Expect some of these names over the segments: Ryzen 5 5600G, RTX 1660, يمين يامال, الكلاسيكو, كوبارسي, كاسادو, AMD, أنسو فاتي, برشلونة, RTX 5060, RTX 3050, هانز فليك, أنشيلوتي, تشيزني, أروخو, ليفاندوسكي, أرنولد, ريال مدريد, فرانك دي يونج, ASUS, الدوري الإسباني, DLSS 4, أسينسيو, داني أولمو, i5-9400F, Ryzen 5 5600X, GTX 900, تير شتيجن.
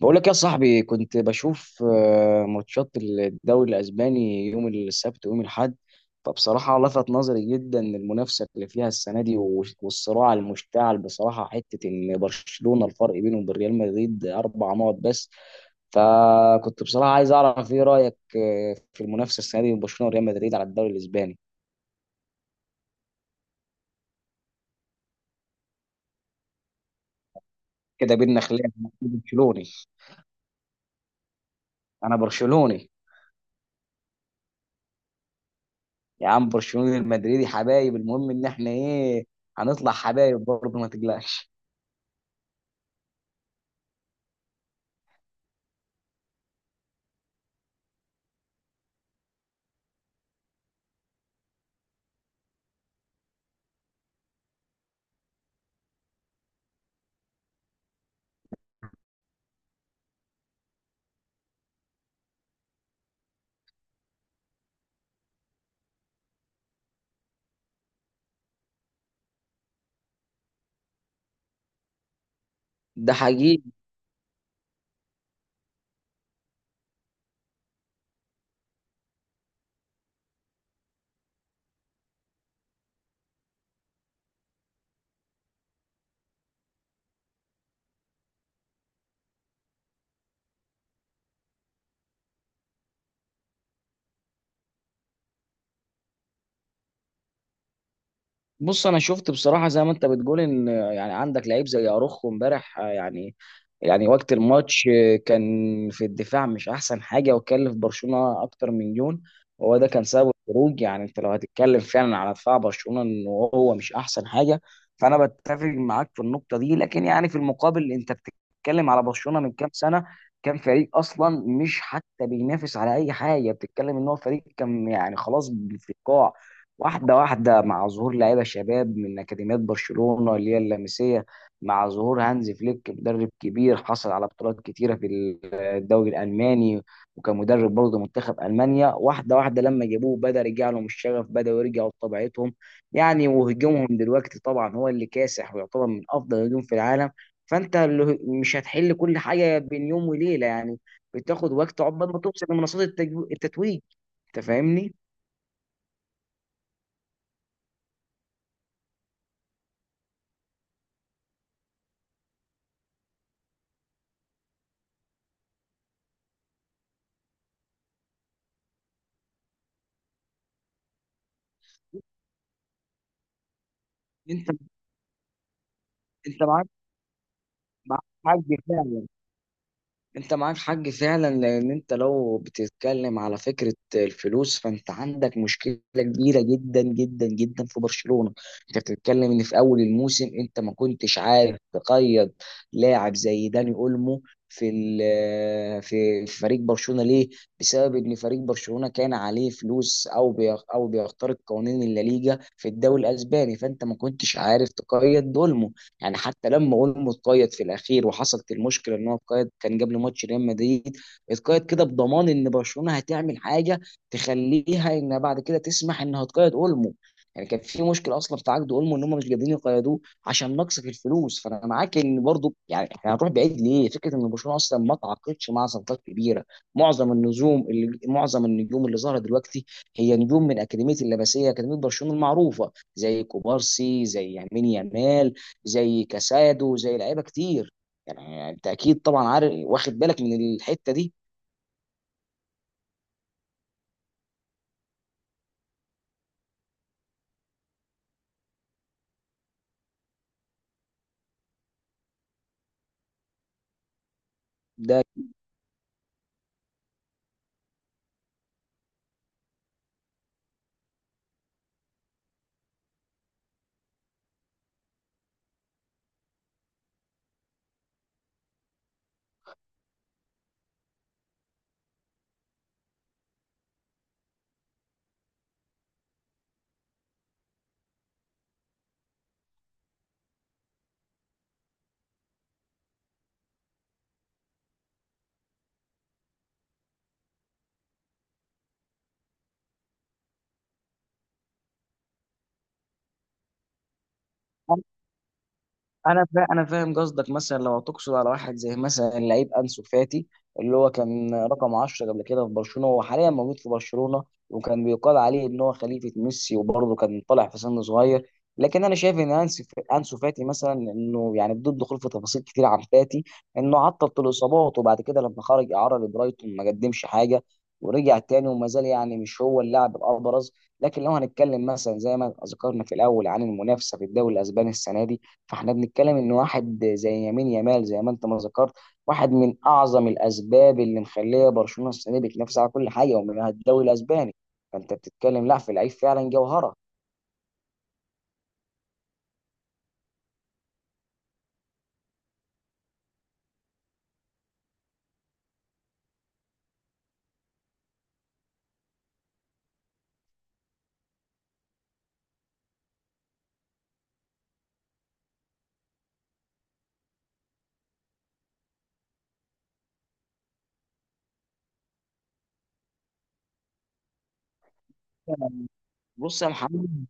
بقول لك يا صاحبي كنت بشوف ماتشات الدوري الاسباني يوم السبت ويوم الاحد. فبصراحه لفت نظري جدا المنافسه اللي فيها السنه دي والصراع المشتعل بصراحه، حته ان برشلونه الفرق بينهم وبين ريال مدريد 4 نقط بس. فكنت بصراحه عايز اعرف ايه رايك في المنافسه السنه دي بين برشلونه وريال مدريد على الدوري الاسباني. كده بينا خلاف، أنا برشلوني. انا برشلوني. يا عم برشلوني، المدريدي حبايب، المهم ان احنا ايه؟ هنطلع حبايب برضه، ما تقلقش. ده حقيقي. بص انا شفت بصراحه زي ما انت بتقول، ان يعني عندك لعيب زي اروخو امبارح، يعني وقت الماتش كان في الدفاع مش احسن حاجه، وكلف برشلونه اكتر من جون. وهو ده كان سبب الخروج. يعني انت لو هتتكلم فعلا على دفاع برشلونه، ان هو مش احسن حاجه، فانا بتفق معاك في النقطه دي. لكن يعني في المقابل انت بتتكلم على برشلونه من كام سنه، كان فريق اصلا مش حتى بينافس على اي حاجه، بتتكلم ان هو فريق كان يعني خلاص في القاع. واحدة واحدة مع ظهور لعيبة شباب من أكاديميات برشلونة اللي هي اللمسية، مع ظهور هانز فليك، مدرب كبير حصل على بطولات كتيرة في الدوري الألماني، وكان مدرب برضه منتخب ألمانيا. واحدة واحدة لما جابوه بدأ يرجع لهم الشغف، بدأ يرجعوا لطبيعتهم. يعني وهجومهم دلوقتي طبعا هو اللي كاسح، ويعتبر من أفضل الهجوم في العالم. فأنت مش هتحل كل حاجة بين يوم وليلة، يعني بتاخد وقت عقبال ما توصل لمنصات التتويج. أنت فاهمني؟ انت انت معاك حق فعلا. انت معاك حق فعلا، لان انت لو بتتكلم على فكره الفلوس، فانت عندك مشكله كبيره جدا جدا جدا في برشلونه. انت بتتكلم ان في اول الموسم انت ما كنتش عارف تقيد لاعب زي داني اولمو في ال- في في فريق برشلونه، ليه؟ بسبب ان فريق برشلونه كان عليه فلوس، او او بيخترق قوانين الليجا في الدوري الاسباني، فانت ما كنتش عارف تقيد دول. يعني حتى لما اولمو اتقيد في الاخير، وحصلت المشكله ان هو اتقيد كان قبل ماتش ريال مدريد، اتقيد كده بضمان ان برشلونه هتعمل حاجه تخليها انها بعد كده تسمح انها تقيد اولمو. يعني كان في مشكله اصلا في عقد اولمو، ان هم مش قادرين يقيدوه عشان نقص في الفلوس. فانا معاك ان برضو، يعني احنا هنروح بعيد ليه، فكره ان برشلونه اصلا ما تعاقدش مع صفقات كبيره. معظم النجوم اللي ظهرت دلوقتي هي نجوم من اكاديميه اللمسيه، اكاديميه برشلونه المعروفه، زي كوبارسي، زي يمين يامال، زي كاسادو، زي لعيبه كتير. يعني انت اكيد طبعا عارف واخد بالك من الحته دي. ده انا فاهم قصدك. مثلا لو تقصد على واحد زي مثلا اللعيب انسو فاتي، اللي هو كان رقم 10 قبل كده في برشلونه، هو حاليا موجود في برشلونه، وكان بيقال عليه ان هو خليفه ميسي، وبرضه كان طالع في سن صغير. لكن انا شايف ان انسو، انسو فاتي مثلا، انه يعني بدون دخول في تفاصيل كتير عن فاتي، انه عطل طول الاصابات، وبعد كده لما خرج اعاره لبرايتون ما قدمش حاجه، ورجع تاني وما زال يعني مش هو اللاعب الابرز. لكن لو هنتكلم مثلا زي ما ذكرنا في الاول عن المنافسه في الدوري الاسباني السنه دي، فاحنا بنتكلم ان واحد زي يمين يامال، زي ما انت ما ذكرت، واحد من اعظم الاسباب اللي مخليه برشلونه السنه دي بتنافس على كل حاجه، ومنها الدوري الاسباني. فانت بتتكلم، لا، في لعيب فعلا جوهره. بص يا محمد،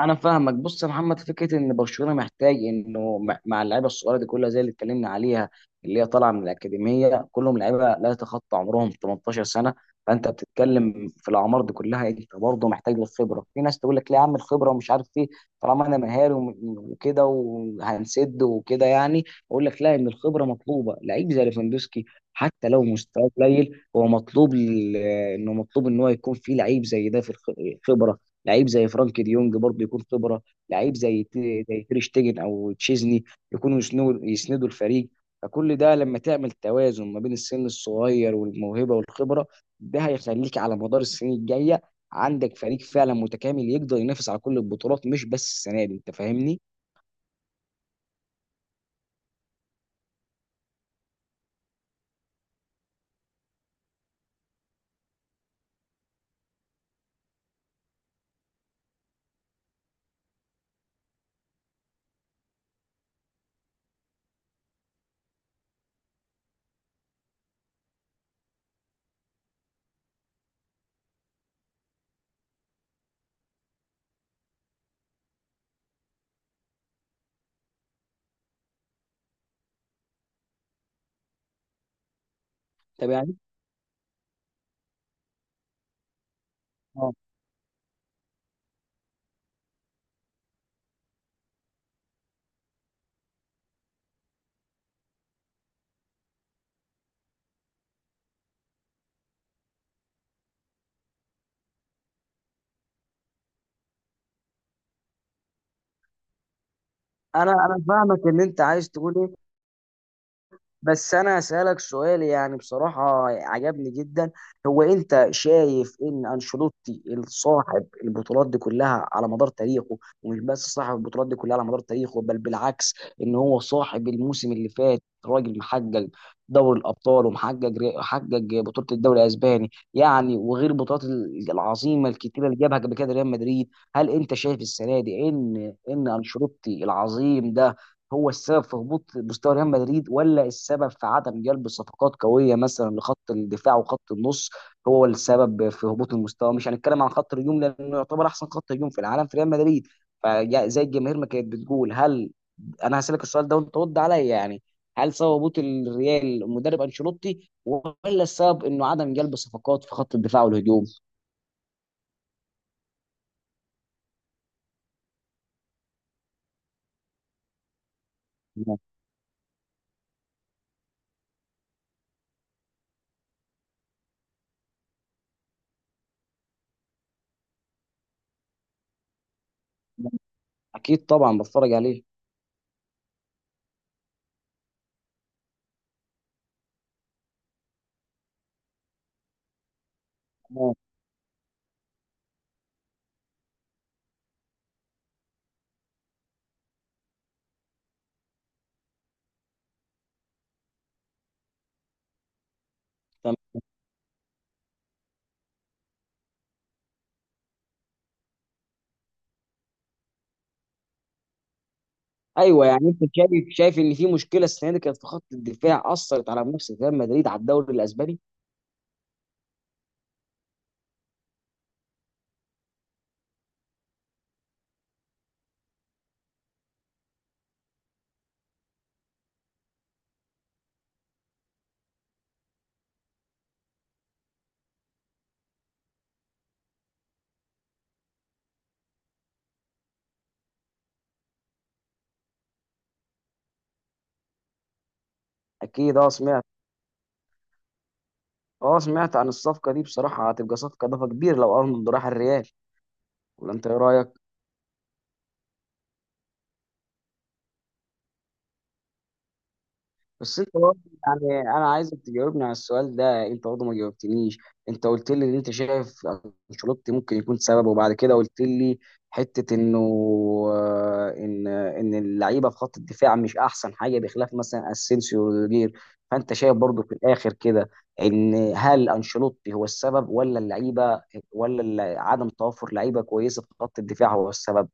انا فاهمك. بص يا محمد، فكره ان برشلونه محتاج انه مع اللعيبه الصغيره دي كلها، زي اللي اتكلمنا عليها، اللي هي طالعه من الاكاديميه، كلهم لعيبه لا يتخطى عمرهم 18 سنه. فانت بتتكلم في الاعمار دي كلها، انت برضه محتاج للخبره. في ناس تقول لك لا يا عم الخبره ومش عارف ايه، طالما انا مهاري وكده وهنسد وكده، يعني. اقول لك لا، ان الخبره مطلوبه. لعيب زي ليفاندوسكي حتى لو مستواه قليل، هو مطلوب انه مطلوب ان هو يكون فيه لعيب زي ده في الخبره. لعيب زي فرانك ديونج برضه يكون خبره. لعيب زي تير شتيجن او تشيزني، يكونوا يسندوا الفريق. فكل ده لما تعمل توازن ما بين السن الصغير والموهبه والخبره، ده هيخليك على مدار السنين الجايه عندك فريق فعلا متكامل، يقدر ينافس على كل البطولات، مش بس السنه دي. انت فاهمني؟ طب يعني، اه. انا فاهمك ان انت عايز تقول ايه. بس انا هسألك سؤال يعني بصراحة عجبني جدا. هو انت شايف ان انشيلوتي صاحب البطولات دي كلها على مدار تاريخه، ومش بس صاحب البطولات دي كلها على مدار تاريخه، بل بالعكس، ان هو صاحب الموسم اللي فات، راجل محقق دوري الابطال، ومحقق، حقق بطولة الدوري الاسباني يعني، وغير البطولات العظيمة الكتيرة اللي جابها قبل كده ريال مدريد. هل انت شايف السنة دي ان انشيلوتي العظيم ده هو السبب في هبوط مستوى ريال مدريد، ولا السبب في عدم جلب صفقات قويه مثلا لخط الدفاع وخط النص، هو السبب في هبوط المستوى؟ مش هنتكلم عن خط الهجوم لانه يعتبر احسن خط هجوم في العالم في ريال مدريد. فزي الجماهير ما كانت بتقول، انا هسالك السؤال ده وانت رد عليا يعني. هل سبب هبوط الريال المدرب انشيلوتي، ولا السبب انه عدم جلب صفقات في خط الدفاع والهجوم؟ اكيد طبعا بتفرج عليه. تمام. ايوه، يعني انت شايف ان في مشكله السنه دي كانت في خط الدفاع، اثرت على منافسه ريال مدريد على الدوري الاسباني. اكيد، اه، سمعت. اه، سمعت عن الصفقه دي. بصراحه هتبقى صفقه اضافه كبير لو ارنولد راح الريال، ولا انت ايه رايك؟ بس انت برضه، يعني انا عايزك تجاوبني على السؤال ده. انت برضه ما جاوبتنيش. انت قلت لي ان انت شايف انشيلوتي ممكن يكون سبب، وبعد كده قلت لي حته انه ان اللعيبه في خط الدفاع مش احسن حاجه، بخلاف مثلا اسينسيو وروديجير. فانت شايف برضه في الاخر كده، ان هل انشيلوتي هو السبب، ولا اللعيبه، ولا عدم توفر لعيبه كويسه في خط الدفاع هو السبب؟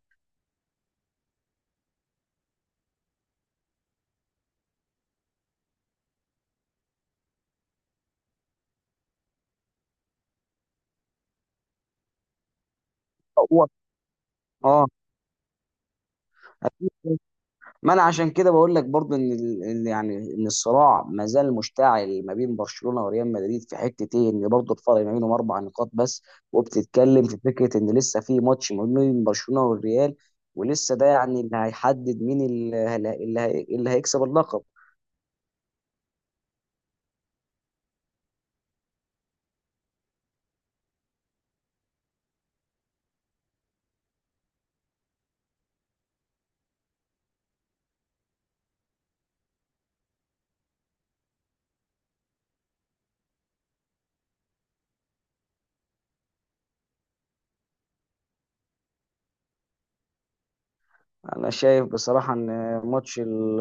هو، اه، ما انا عشان كده بقول لك برضو ان إن يعني ان الصراع ما زال مشتعل ما بين برشلونه وريال مدريد، في حته ايه، ان برضو الفرق ما بينهم 4 نقاط بس. وبتتكلم في فكره ان لسه في ماتش ما بين برشلونه والريال، ولسه ده يعني اللي هيحدد مين اللي, اللي هيكسب اللقب. انا شايف بصراحه ان ماتش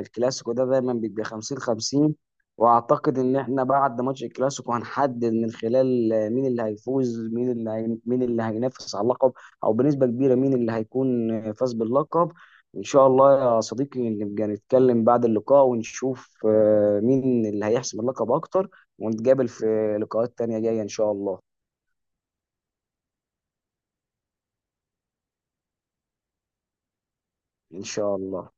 الكلاسيكو ده دايما بيبقى 50 50. واعتقد ان احنا بعد ماتش الكلاسيكو هنحدد من خلال مين اللي هيفوز، مين مين اللي هينافس على اللقب، او بنسبه كبيره مين اللي هيكون فاز باللقب. ان شاء الله يا صديقي نبقى نتكلم بعد اللقاء، ونشوف مين اللي هيحسم اللقب اكتر، ونتقابل في لقاءات تانية جايه، ان شاء الله. ان شاء الله.